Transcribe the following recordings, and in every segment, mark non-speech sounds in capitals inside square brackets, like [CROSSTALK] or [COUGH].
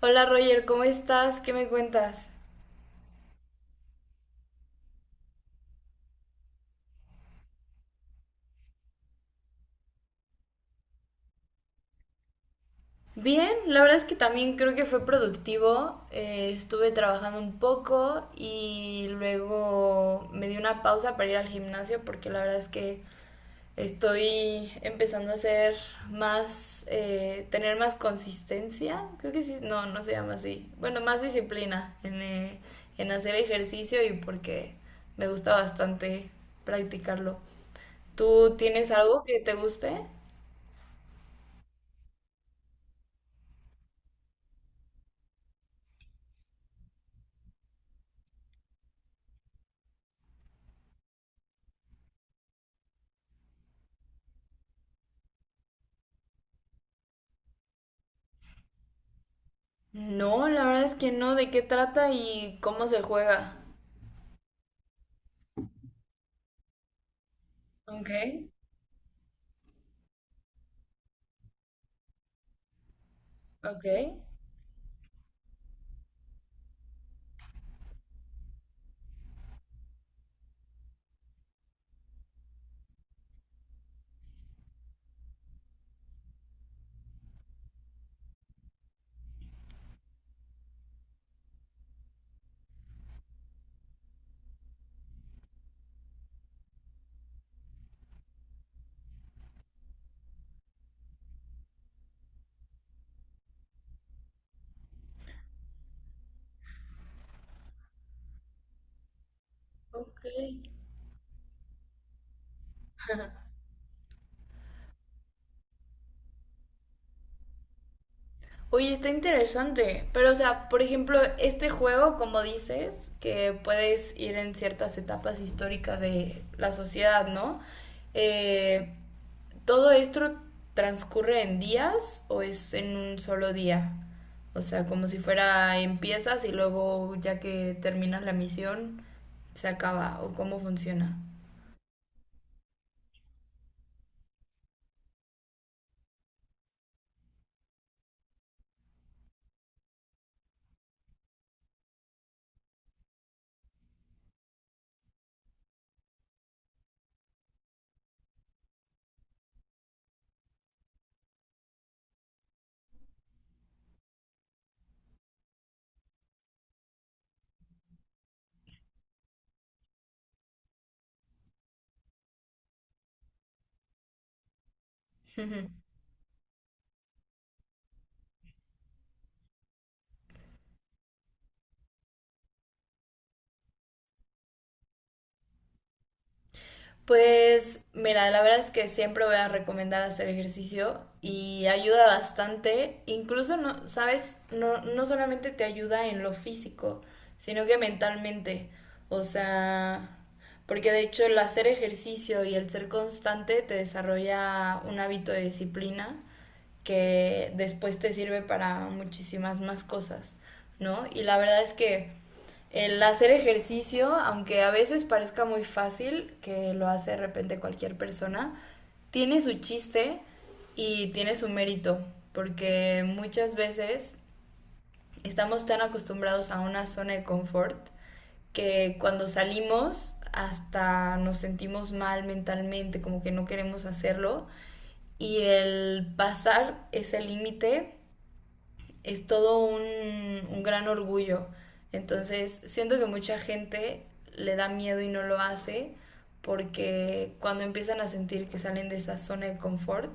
Hola Roger, ¿cómo estás? ¿Qué me cuentas? Bien, la verdad es que también creo que fue productivo. Estuve trabajando un poco y luego me di una pausa para ir al gimnasio porque la verdad es que estoy empezando a hacer más, tener más consistencia. Creo que sí, no, no se llama así. Bueno, más disciplina en hacer ejercicio y porque me gusta bastante practicarlo. ¿Tú tienes algo que te guste? No, la verdad es que no. ¿De qué trata y cómo se juega? Ok, ok, ok. Oye, está interesante. Pero, o sea, por ejemplo, este juego, como dices, que puedes ir en ciertas etapas históricas de la sociedad, ¿no? Eh, ¿Todo esto transcurre en días o es en un solo día? O sea, como si fuera empiezas y luego ya que terminas la misión se acaba o cómo funciona. Ujú. Pues mira, la verdad es que siempre voy a recomendar hacer ejercicio y ayuda bastante, incluso no, sabes, no, no solamente te ayuda en lo físico, sino que mentalmente. O sea, porque de hecho el hacer ejercicio y el ser constante te desarrolla un hábito de disciplina que después te sirve para muchísimas más cosas, ¿no? Y la verdad es que el hacer ejercicio, aunque a veces parezca muy fácil, que lo hace de repente cualquier persona, tiene su chiste y tiene su mérito, porque muchas veces estamos tan acostumbrados a una zona de confort que cuando salimos hasta nos sentimos mal mentalmente, como que no queremos hacerlo, y el pasar ese límite es todo un gran orgullo. Entonces, siento que mucha gente le da miedo y no lo hace porque cuando empiezan a sentir que salen de esa zona de confort,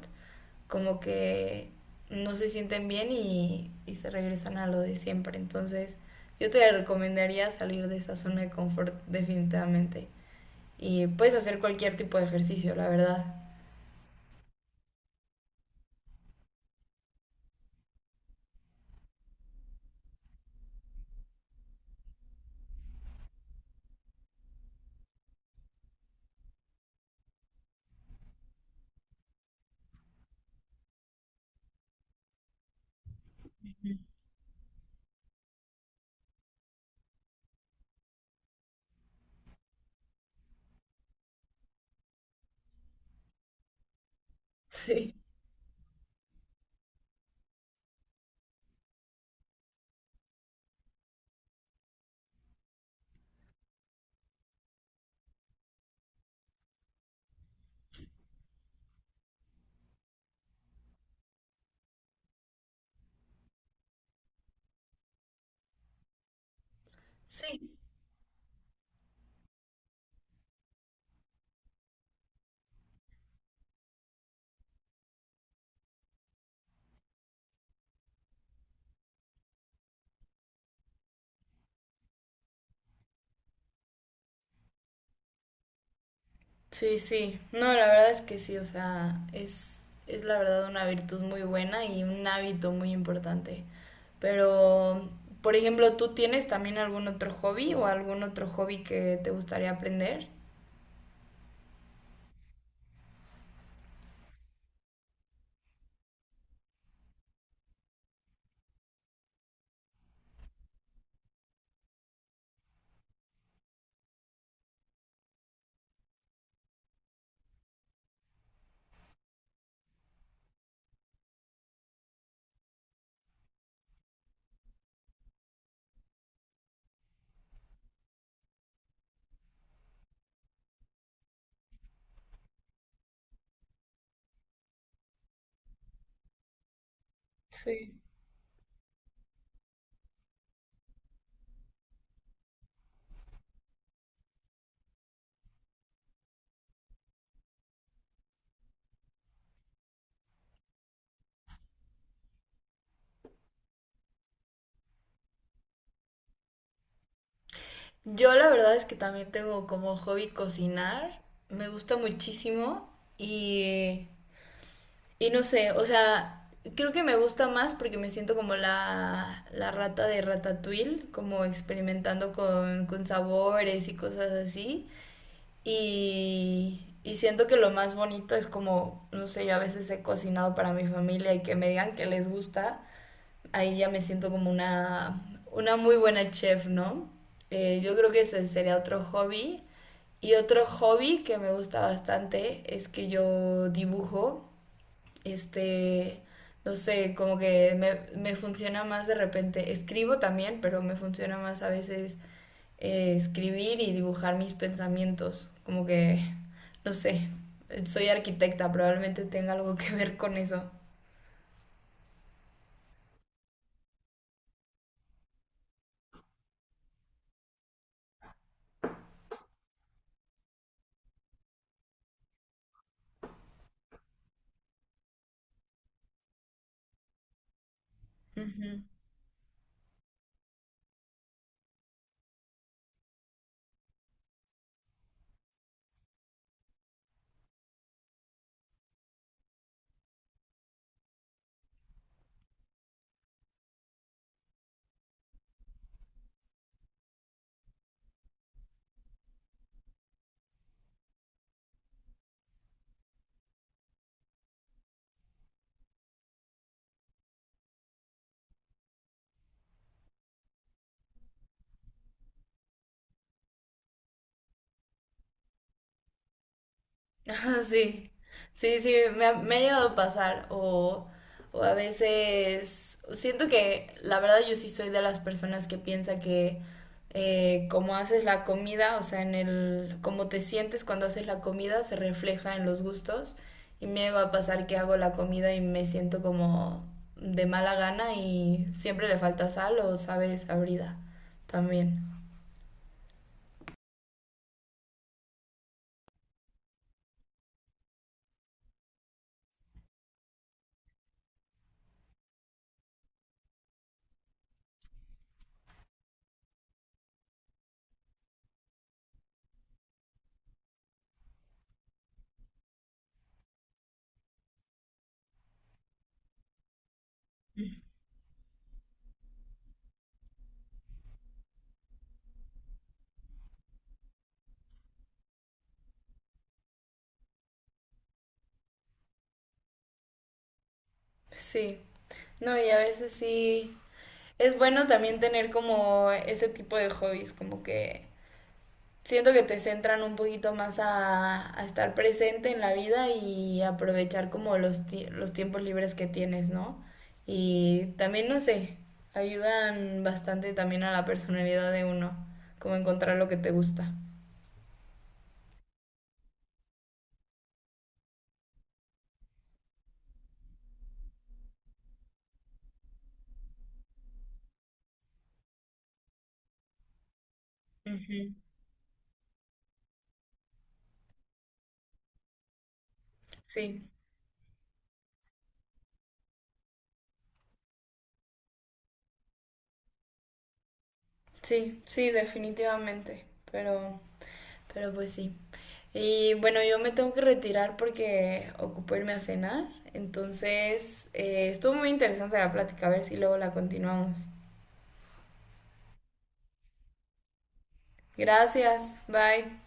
como que no se sienten bien y se regresan a lo de siempre. Entonces, yo te recomendaría salir de esa zona de confort definitivamente. Y puedes hacer cualquier tipo de ejercicio, la verdad. [LAUGHS] Sí. Sí, sí, sí. No, la verdad es que sí, o sea, es la verdad una virtud muy buena y un hábito muy importante. Pero, por ejemplo, ¿tú tienes también algún otro hobby o algún otro hobby que te gustaría aprender? Sí. Yo la verdad es que también tengo como hobby cocinar, me gusta muchísimo y Y no sé, o sea, creo que me gusta más porque me siento como la rata de Ratatouille, como experimentando con sabores y cosas así. Y siento que lo más bonito es como, no sé, yo a veces he cocinado para mi familia y que me digan que les gusta. Ahí ya me siento como una muy buena chef, ¿no? Yo creo que ese sería otro hobby. Y otro hobby que me gusta bastante es que yo dibujo este, no sé, como que me funciona más de repente. Escribo también, pero me funciona más a veces escribir y dibujar mis pensamientos. Como que, no sé, soy arquitecta, probablemente tenga algo que ver con eso. Ujú. Ajá, sí, sí, sí, me ha llegado a pasar o a veces siento que la verdad yo sí soy de las personas que piensa que como haces la comida, o sea, en el cómo te sientes cuando haces la comida se refleja en los gustos y me llega a pasar que hago la comida y me siento como de mala gana y siempre le falta sal o sabe desabrida también. Sí, no, y a veces sí. Es bueno también tener como ese tipo de hobbies, como que siento que te centran un poquito más a estar presente en la vida y aprovechar como los, ti- los tiempos libres que tienes, ¿no? Y también, no sé, ayudan bastante también a la personalidad de uno, como encontrar lo que te gusta. Ujú. Sí, sí, sí, definitivamente, pero... Pero pues sí. Y bueno, yo me tengo que retirar porque ocupo irme a cenar. Entonces, estuvo muy interesante la plática. A ver si luego la continuamos. Gracias. Bye.